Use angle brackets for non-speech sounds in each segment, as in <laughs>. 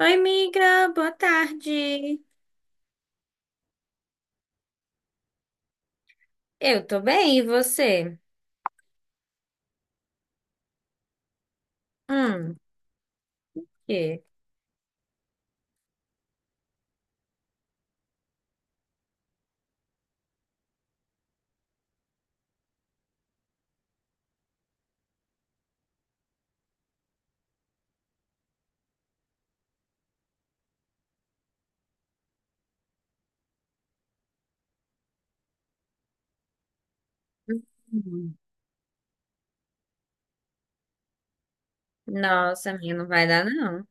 Oi, amiga, boa tarde. Eu tô bem, e você? Hum, que? Hum. Nossa, minha não vai dar, não.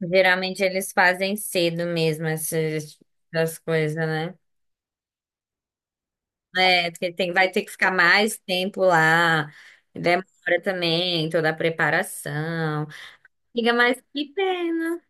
Geralmente eles fazem cedo mesmo essas coisas, né? É, porque tem, vai ter que ficar mais tempo lá. Demora também toda a preparação. Amiga, mas que pena.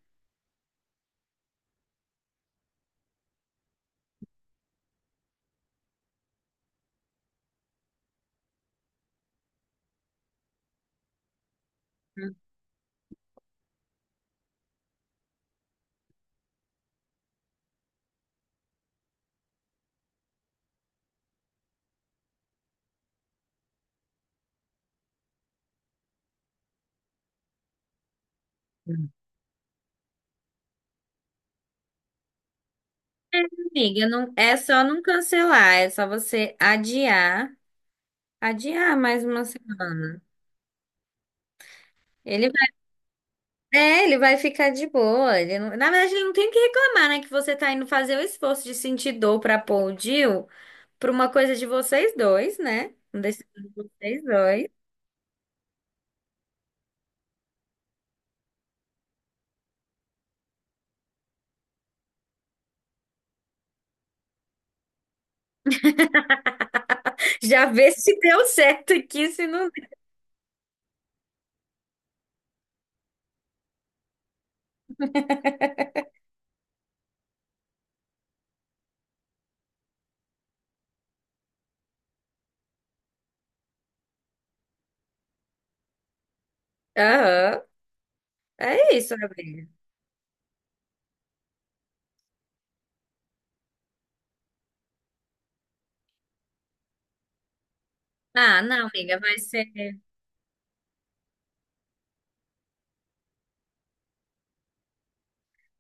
Amiga, não, é só não cancelar, é só você adiar, adiar mais uma semana. Ele ele vai ficar de boa. Ele não- Na verdade, ele não tem o que reclamar, né? Que você tá indo fazer o esforço de sentir dor pra pôr o Jill pra uma coisa de vocês dois, né? Uma decisão de vocês dois. <laughs> Já vê se deu certo aqui, se não. Aham. É isso, amiga. Ah, não, amiga, vai ser.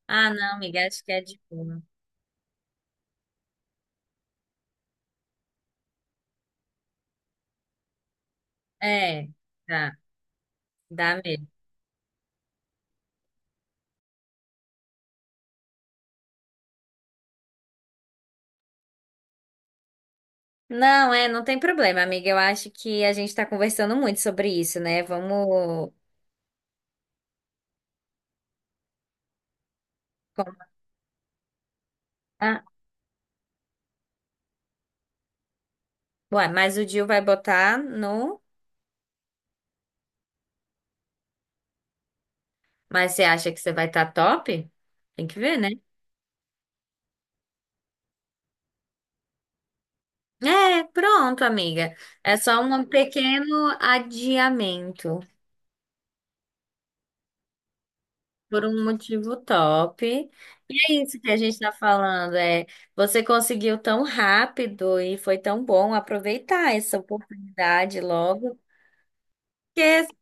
Ah, não, amiga, acho que é de boa. É, tá, dá mesmo. Não, é, não tem problema, amiga. Eu acho que a gente tá conversando muito sobre isso, né? Vamos. Ah, ué, mas o Gil vai botar no. Mas você acha que você vai estar top? Tem que ver, né? É, pronto, amiga. É só um pequeno adiamento por um motivo top. E é isso que a gente está falando, é você conseguiu tão rápido e foi tão bom aproveitar essa oportunidade logo, porque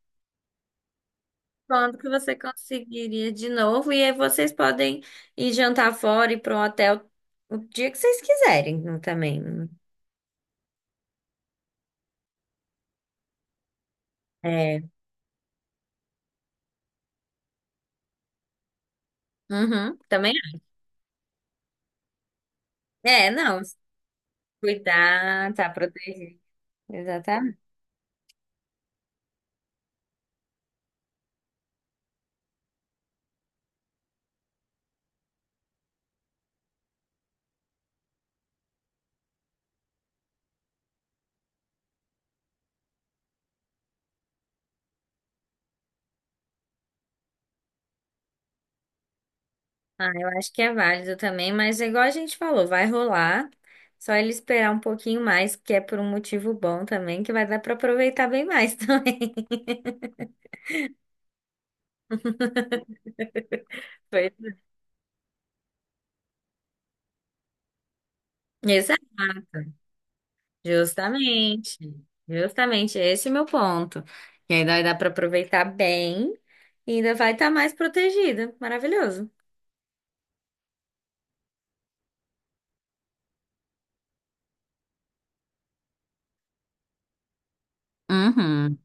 quando que você conseguiria de novo e aí vocês podem ir jantar fora e para um hotel o dia que vocês quiserem também. É, uhum, também. Não. Cuidar, tá protegido. Exatamente. Ah, eu acho que é válido também, mas é igual a gente falou, vai rolar. Só ele esperar um pouquinho mais, que é por um motivo bom também, que vai dar para aproveitar bem mais <laughs> também. Pois é. Exato, justamente. Justamente, esse é o meu ponto. E ainda vai dar para aproveitar bem e ainda vai estar mais protegida. Maravilhoso. Uhum.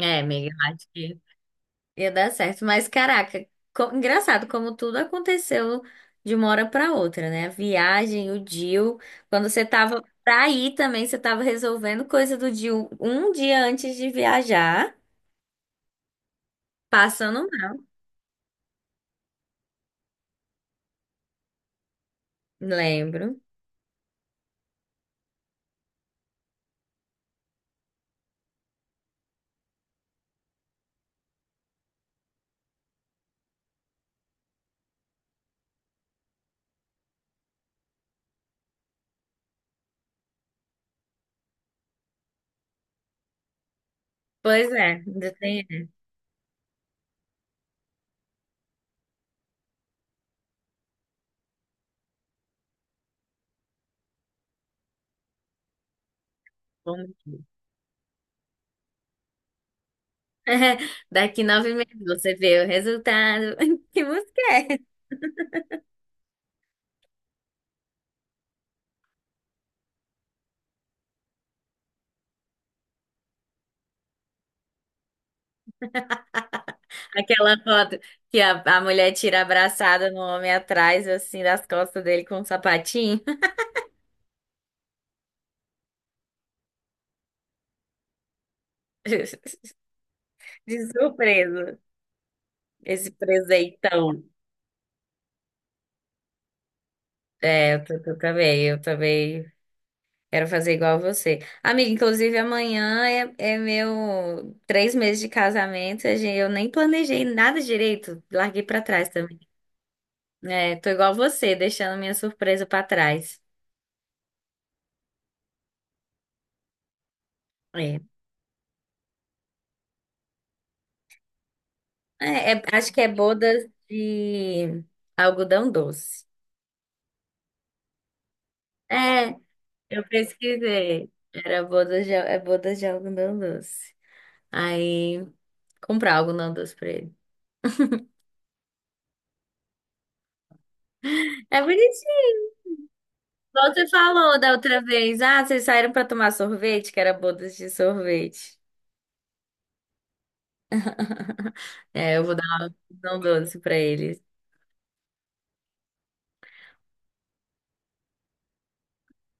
É, amiga, eu acho que. Ia dar certo. Mas, caraca, engraçado como tudo aconteceu de uma hora para outra, né? A viagem, o deal. Quando você tava pra ir também, você tava resolvendo coisa do deal um dia antes de viajar, passando mal. Lembro. Pois é, ainda tem. Bom motivo. <laughs> Daqui 9 meses você vê o resultado. <laughs> Que música é? Aquela foto que a mulher tira abraçada no homem atrás, assim, das costas dele com um sapatinho. <laughs> De surpresa. Esse presentão. Eu também, eu também quero fazer igual a você. Amiga, inclusive amanhã é meu 3 meses de casamento, eu nem planejei nada direito, larguei pra trás também. É, tô igual a você, deixando minha surpresa pra trás. É, acho que é bodas de algodão doce. É, eu pesquisei. É bodas de algodão doce. Aí, comprar algodão doce pra ele. É bonitinho. Igual você falou da outra vez. Ah, vocês saíram pra tomar sorvete, que era bodas de sorvete. <laughs> É, eu vou dar uma opção doce pra eles.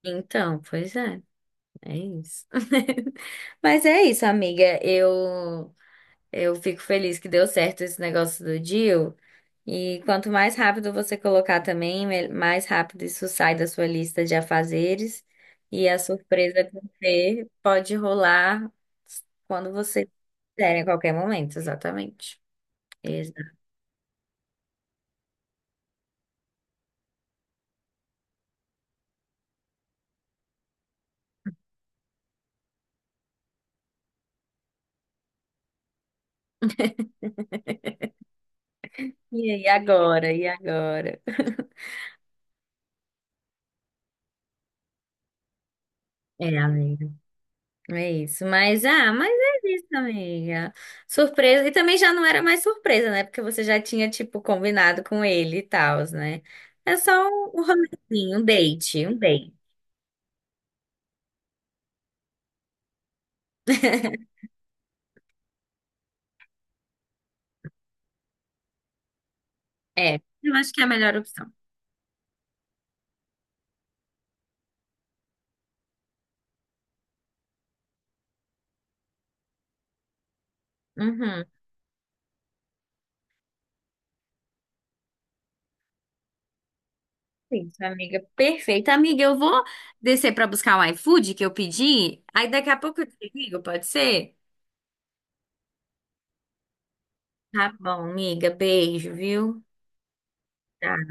Então, pois é. É isso. <laughs> Mas é isso, amiga. Eu fico feliz que deu certo esse negócio do deal. E quanto mais rápido você colocar também, mais rápido isso sai da sua lista de afazeres. E a surpresa com você pode rolar quando você quiser, em qualquer momento, exatamente. Exato. E aí, agora? E agora? É, amiga. É isso, mas é isso, amiga. Surpresa, e também já não era mais surpresa, né? Porque você já tinha, tipo, combinado com ele e tal, né? É só um rolezinho, um date. É, eu acho que é a melhor opção. Uhum. É isso, amiga. Perfeito. Amiga, eu vou descer pra buscar o iFood que eu pedi, aí daqui a pouco eu te ligo, pode ser? Tá bom, amiga. Beijo, viu? Tchau.